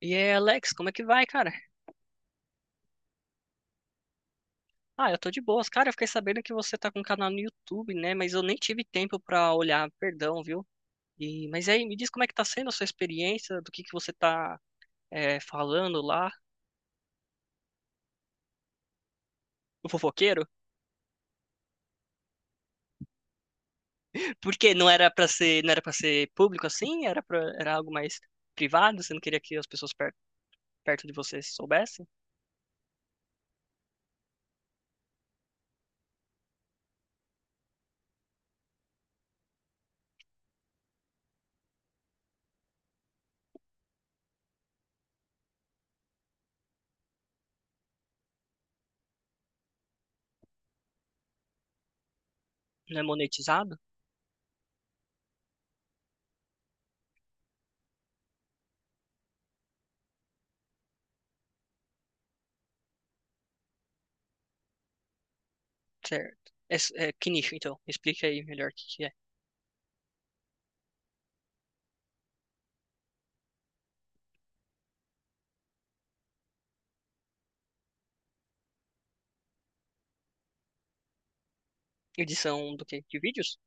E é, Alex, como é que vai, cara? Ah, eu tô de boas. Cara, eu fiquei sabendo que você tá com um canal no YouTube, né? Mas eu nem tive tempo pra olhar, perdão, viu? E, mas aí, me diz como é que tá sendo a sua experiência, do que você tá falando lá, o fofoqueiro? Porque não era pra ser, não era para ser público assim, era algo mais privado, você não queria que as pessoas perto de você soubessem? Não é monetizado? Certo. Que nicho, então? Me explica aí melhor o que que é. Edição do quê? De vídeos?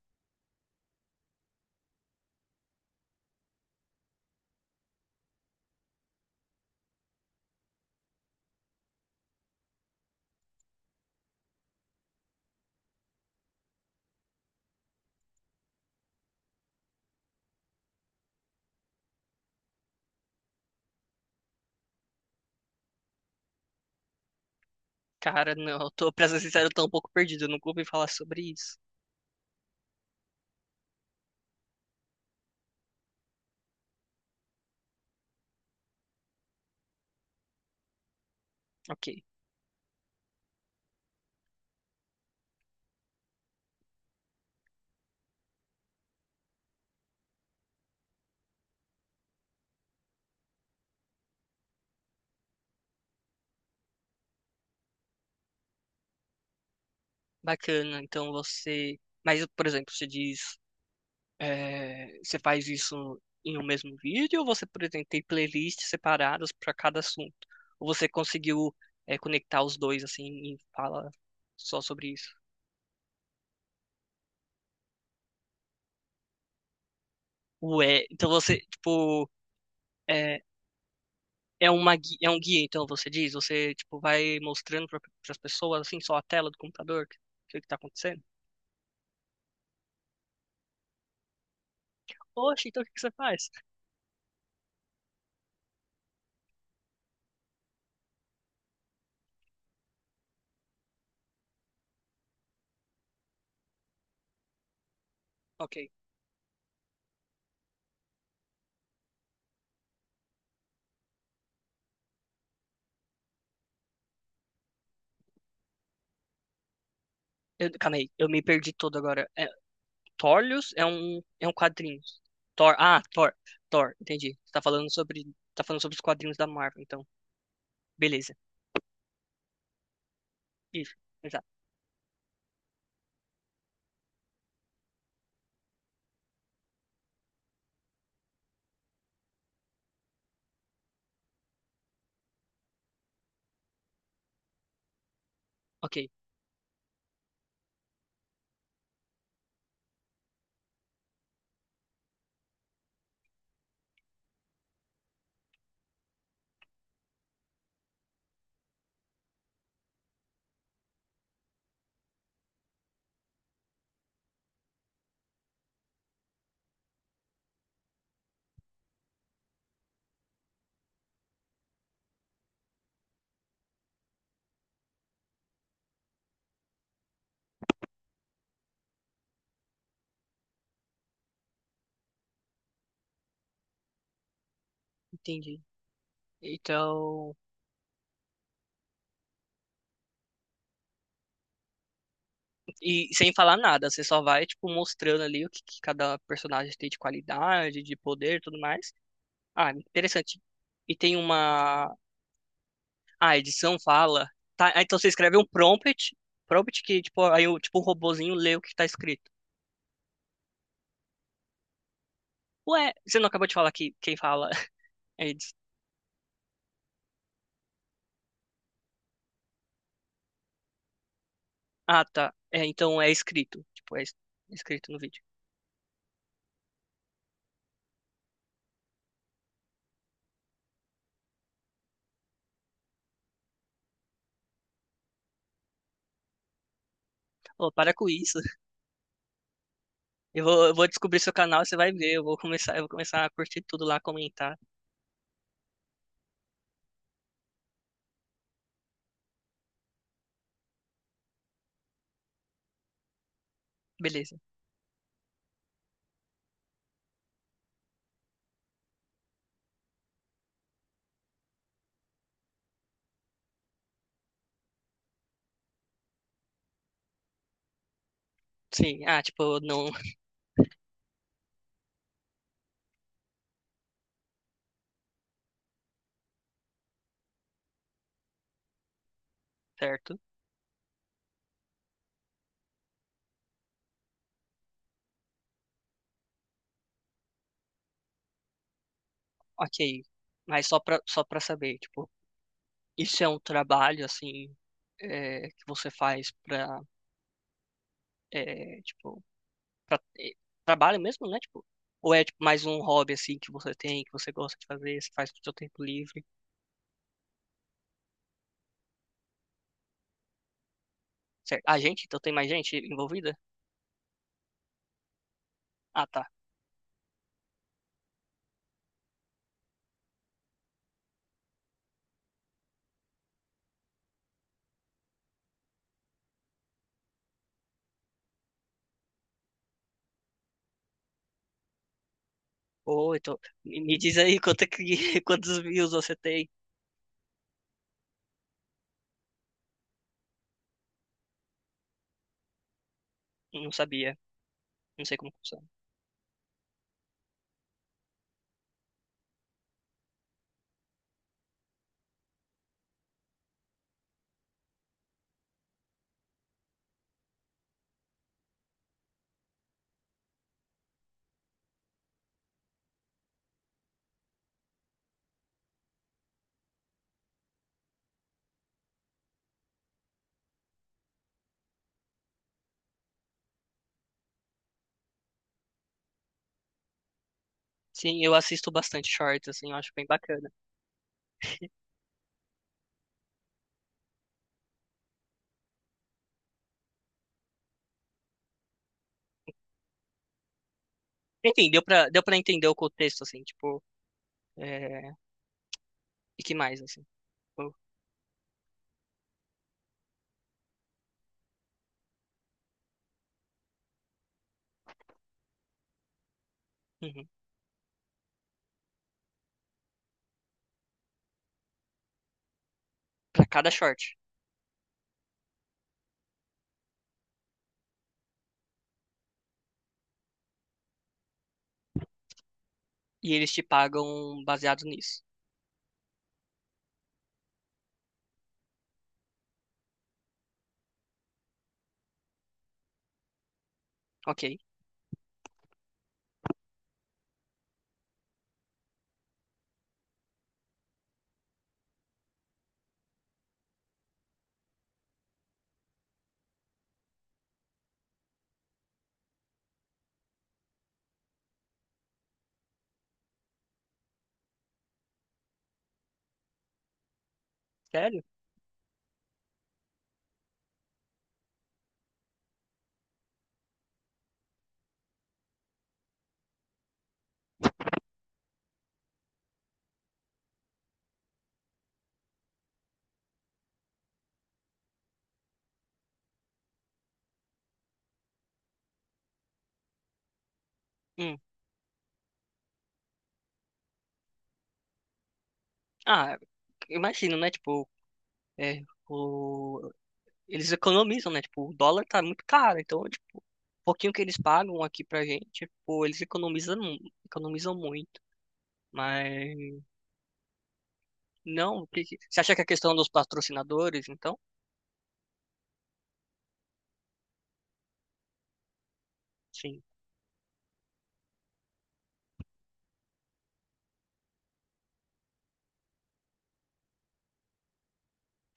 Cara, não, eu tô, pra ser sincero, eu tô um pouco perdido, eu nunca ouvi falar sobre isso. Ok, bacana, então você... Mas, por exemplo, você diz, você faz isso em um mesmo vídeo ou você, por exemplo, tem playlists separadas para cada assunto? Ou você conseguiu, conectar os dois, assim, e fala só sobre isso? Ué, então você, tipo, é, é um guia, então você diz? Você, tipo, vai mostrando para as pessoas, assim, só a tela do computador, o que que tá acontecendo? Poxa, então o que que você faz? Ok. Eu, calma aí, eu me perdi todo agora. É, Thorlius é um quadrinho. Thor, ah, Thor, Thor, entendi. Você tá falando sobre os quadrinhos da Marvel, então. Beleza. Isso, exato. Ok, entendi. Então, e sem falar nada, você só vai, tipo, mostrando ali o que, que cada personagem tem de qualidade, de poder e tudo mais. Ah, interessante. E tem uma... Ah, a edição fala... Tá, ah, então você escreve um prompt, prompt que, tipo, aí o, tipo, um robozinho lê o que tá escrito. Ué, você não acabou de falar que quem fala eles? Ah, tá. É, então é escrito. É escrito no vídeo. Ô, para com isso. Eu vou descobrir seu canal, você vai ver. Eu vou começar a curtir tudo lá, comentar. Beleza. Sim. Ah, tipo, não. Certo. Ok. Mas só pra saber, tipo, isso é um trabalho, assim, que você faz pra, é, tipo, pra, é, trabalho mesmo, né? Tipo, ou é, tipo, mais um hobby, assim, que você tem, que você gosta de fazer, você faz no seu tempo livre? Certo. A gente? Então tem mais gente envolvida? Ah, tá. Ô, então, me diz aí quanto é que, quantos views você tem. Não sabia. Não sei como funciona. Sim, eu assisto bastante shorts, assim, eu acho bem bacana. Enfim, deu pra entender o contexto, assim, tipo, é, e que mais, assim. Tipo, uhum. Pra cada short. E eles te pagam baseado nisso. Ok. Sério? Hum. Ah, imagino, né? É, o, eles economizam, né? Tipo, o dólar tá muito caro, então, tipo, o pouquinho que eles pagam aqui pra gente, pô, eles economizam, economizam muito. Mas não, o que que- você acha que é a questão dos patrocinadores, então? Sim,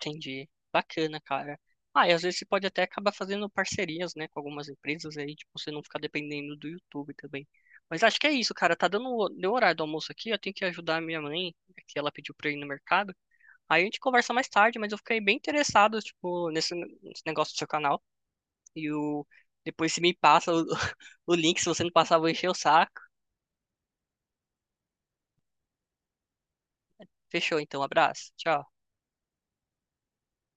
entendi. Bacana, cara. Ah, e às vezes você pode até acabar fazendo parcerias, né, com algumas empresas aí, tipo, você não ficar dependendo do YouTube também. Mas acho que é isso, cara. Deu o horário do almoço aqui, eu tenho que ajudar a minha mãe, que ela pediu pra eu ir no mercado. Aí a gente conversa mais tarde, mas eu fiquei bem interessado, tipo, nesse, nesse negócio do seu canal. E o, depois se me passa o, o link, se você não passar, eu vou encher o saco. Fechou, então, abraço. Tchau.